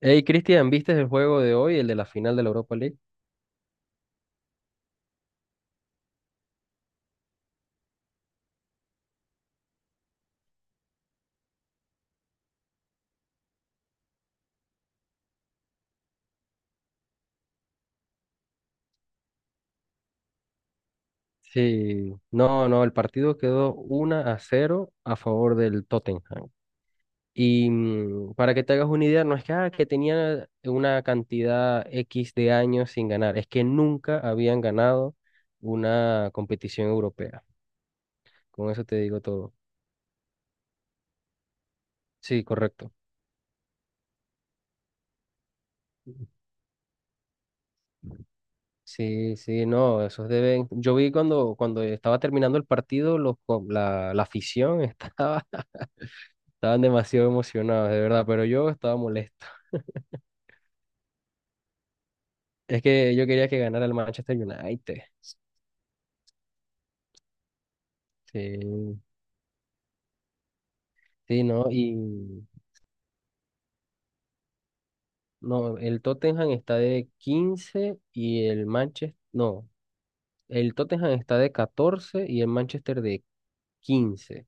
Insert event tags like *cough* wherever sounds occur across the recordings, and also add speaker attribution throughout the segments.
Speaker 1: Hey, Cristian, ¿viste el juego de hoy, el de la final de la Europa League? Sí, no, no, el partido quedó 1-0 a favor del Tottenham. Y para que te hagas una idea, no es que, que tenían una cantidad X de años sin ganar, es que nunca habían ganado una competición europea. Con eso te digo todo. Sí, correcto. Sí, sí, no, esos deben. Yo vi cuando estaba terminando el partido, la afición *laughs* estaban demasiado emocionados, de verdad, pero yo estaba molesto. Es que yo quería que ganara el Manchester United. Sí, sí, no, y no, el Tottenham está de 15 y el Manchester, no, el Tottenham está de 14 y el Manchester de 15.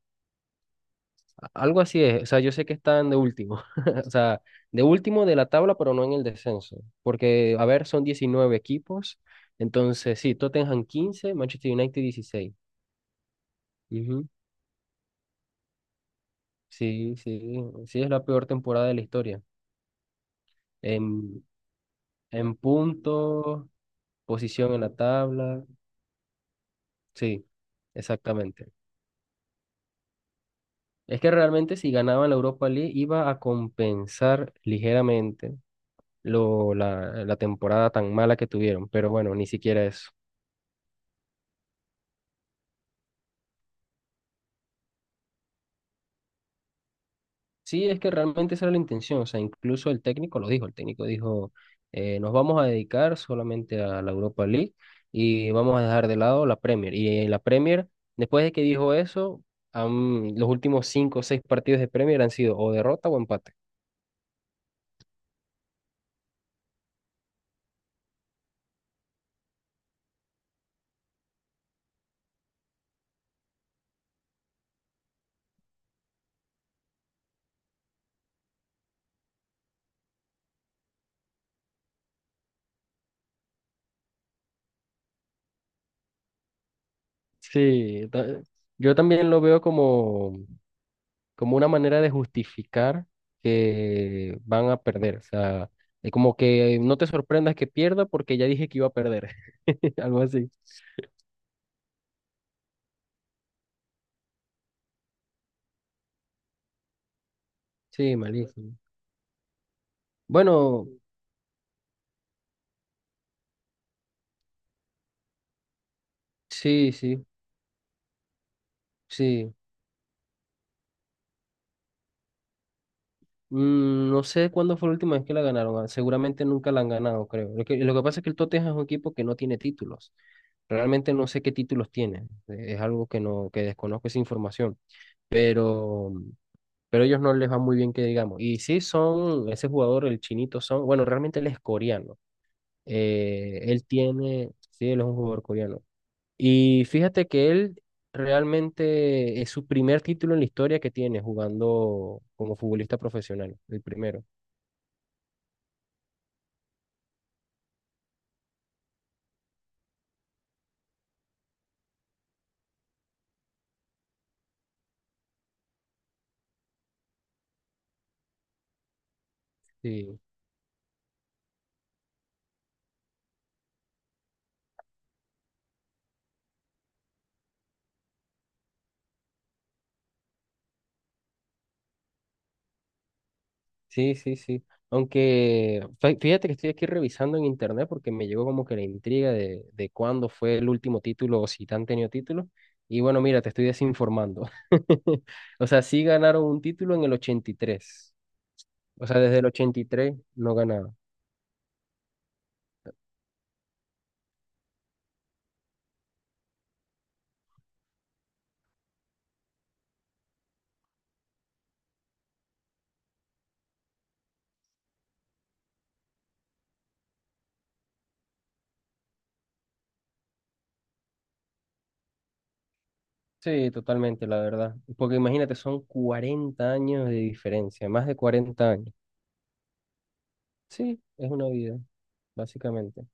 Speaker 1: Algo así es, o sea, yo sé que están de último, *laughs* o sea, de último de la tabla, pero no en el descenso, porque, a ver, son 19 equipos, entonces sí, Tottenham 15 Manchester United 16. Sí, sí, sí es la peor temporada de la historia. En, en puntos, posición en la tabla, sí, exactamente. Es que realmente si ganaban la Europa League iba a compensar ligeramente la temporada tan mala que tuvieron, pero bueno, ni siquiera eso. Sí, es que realmente esa era la intención, o sea, incluso el técnico lo dijo, el técnico dijo, nos vamos a dedicar solamente a la Europa League y vamos a dejar de lado la Premier. Y en la Premier, después de que dijo eso, los últimos cinco o seis partidos de Premier han sido o derrota o empate. Sí. Yo también lo veo como una manera de justificar que van a perder, o sea, es como que no te sorprendas que pierda porque ya dije que iba a perder, *laughs* algo así. Sí, malísimo. Bueno, sí, sí, sí. No sé cuándo fue la última vez que la ganaron. Seguramente nunca la han ganado, creo. Lo que pasa es que el Tottenham es un equipo que no tiene títulos. Realmente no sé qué títulos tiene. Es algo que no, que desconozco esa información. Pero, pero ellos no les va muy bien que digamos. Y sí son, ese jugador, el chinito son, bueno, realmente él es coreano. Sí, él es un jugador coreano. Y fíjate que él realmente es su primer título en la historia que tiene jugando como futbolista profesional, el primero. Sí, sí, sí, sí. Aunque fíjate que estoy aquí revisando en internet porque me llegó como que la intriga de cuándo fue el último título o si han tenido título. Y bueno, mira, te estoy desinformando. *laughs* O sea, sí ganaron un título en el ochenta y tres. O sea, desde el ochenta y tres no ganaban. Sí, totalmente, la verdad. Porque imagínate, son 40 años de diferencia, más de 40 años. Sí, es una vida, básicamente.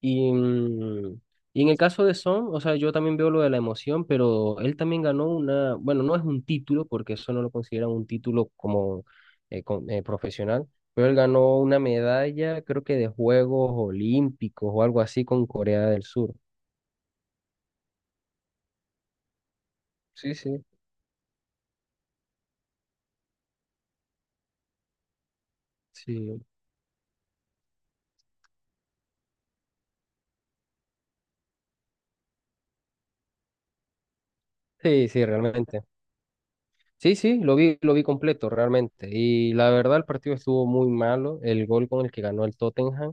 Speaker 1: Y, mm, y en el caso de Son, o sea, yo también veo lo de la emoción, pero él también ganó una, bueno, no es un título, porque eso no lo consideran un título como profesional, pero él ganó una medalla, creo que de Juegos Olímpicos o algo así con Corea del Sur. Sí, sí. Sí, sí, sí, realmente. Sí, sí, lo vi completo realmente. Y la verdad, el partido estuvo muy malo. El gol con el que ganó el Tottenham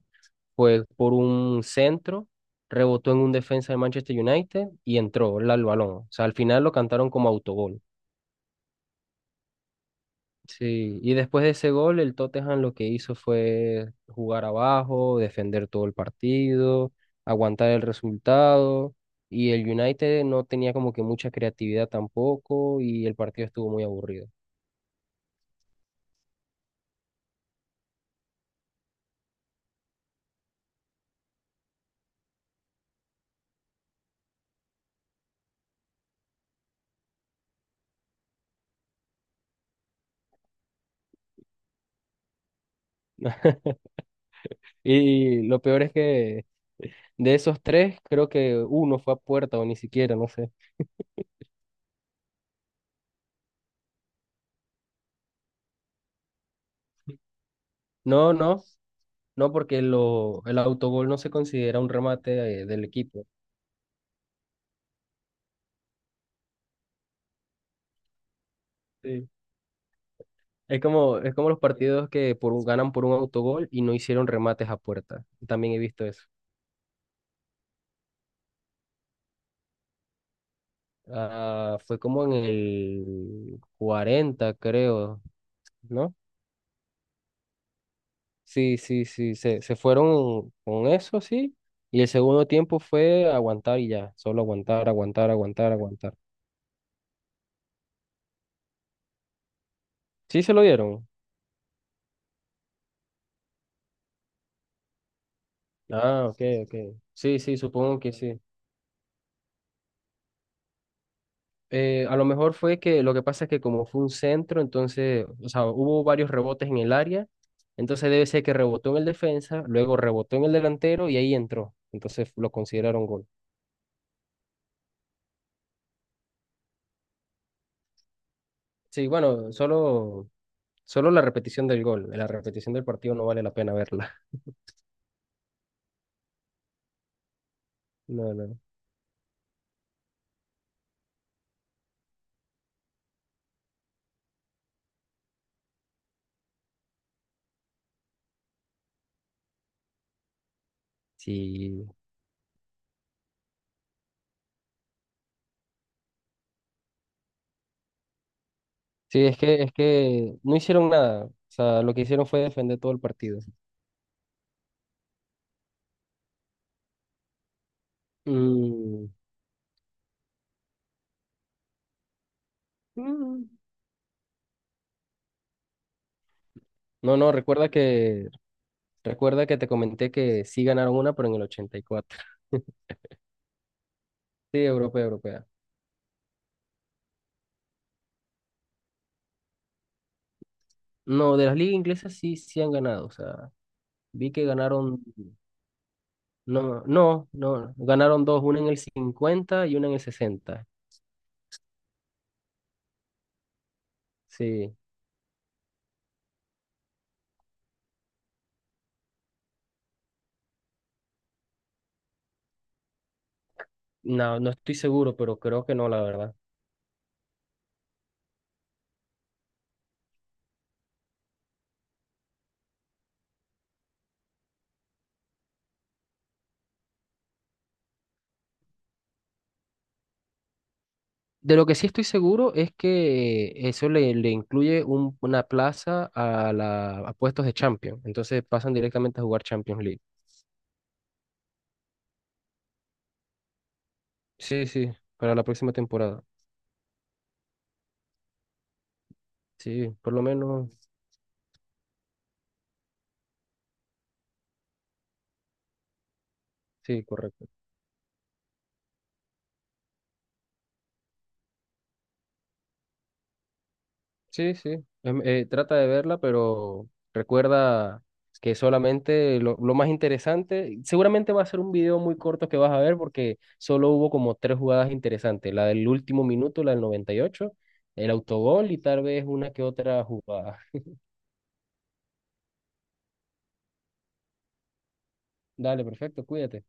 Speaker 1: fue por un centro, rebotó en un defensa de Manchester United y entró el al balón. O sea, al final lo cantaron como autogol. Sí, y después de ese gol, el Tottenham lo que hizo fue jugar abajo, defender todo el partido, aguantar el resultado. Y el United no tenía como que mucha creatividad tampoco y el partido estuvo muy aburrido. *laughs* Y lo peor es que de esos tres, creo que uno fue a puerta o ni siquiera, no sé. No, no, no, porque el autogol no se considera un remate del equipo. Sí. Es como los partidos que ganan por un autogol y no hicieron remates a puerta. También he visto eso. Ah, fue como en el 40 creo, ¿no? Sí, sí, sí, se fueron con eso, sí. Y el segundo tiempo fue aguantar y ya, solo aguantar, aguantar, aguantar, aguantar. Sí se lo dieron. Ah, ok, ok. Sí, sí, supongo que sí. A lo mejor fue que lo que pasa es que como fue un centro, entonces, o sea, hubo varios rebotes en el área, entonces debe ser que rebotó en el defensa, luego rebotó en el delantero y ahí entró. Entonces lo consideraron gol. Sí, bueno, solo la repetición del gol, la repetición del partido no vale la pena verla. *laughs* No, no. Sí, sí, es que no hicieron nada. O sea, lo que hicieron fue defender todo el partido. Mm. Mm. No, no, recuerda que te comenté que sí ganaron una, pero en el ochenta y cuatro. *laughs* Sí, europea, europea. No, de las ligas inglesas sí, sí han ganado. O sea, vi que ganaron, no, no, no, ganaron dos, una en el 50 y una en el 60. Sí, no, no estoy seguro, pero creo que no, la verdad. De lo que sí estoy seguro es que eso le incluye una plaza a puestos de Champions. Entonces pasan directamente a jugar Champions League. Sí, sí, para la próxima temporada. Sí, por lo menos, sí, correcto. Sí, sí, trata de verla, pero recuerda que solamente lo más interesante, seguramente va a ser un video muy corto que vas a ver porque solo hubo como tres jugadas interesantes, la del último minuto, la del 98, el autogol y tal vez una que otra jugada. Dale, perfecto, cuídate.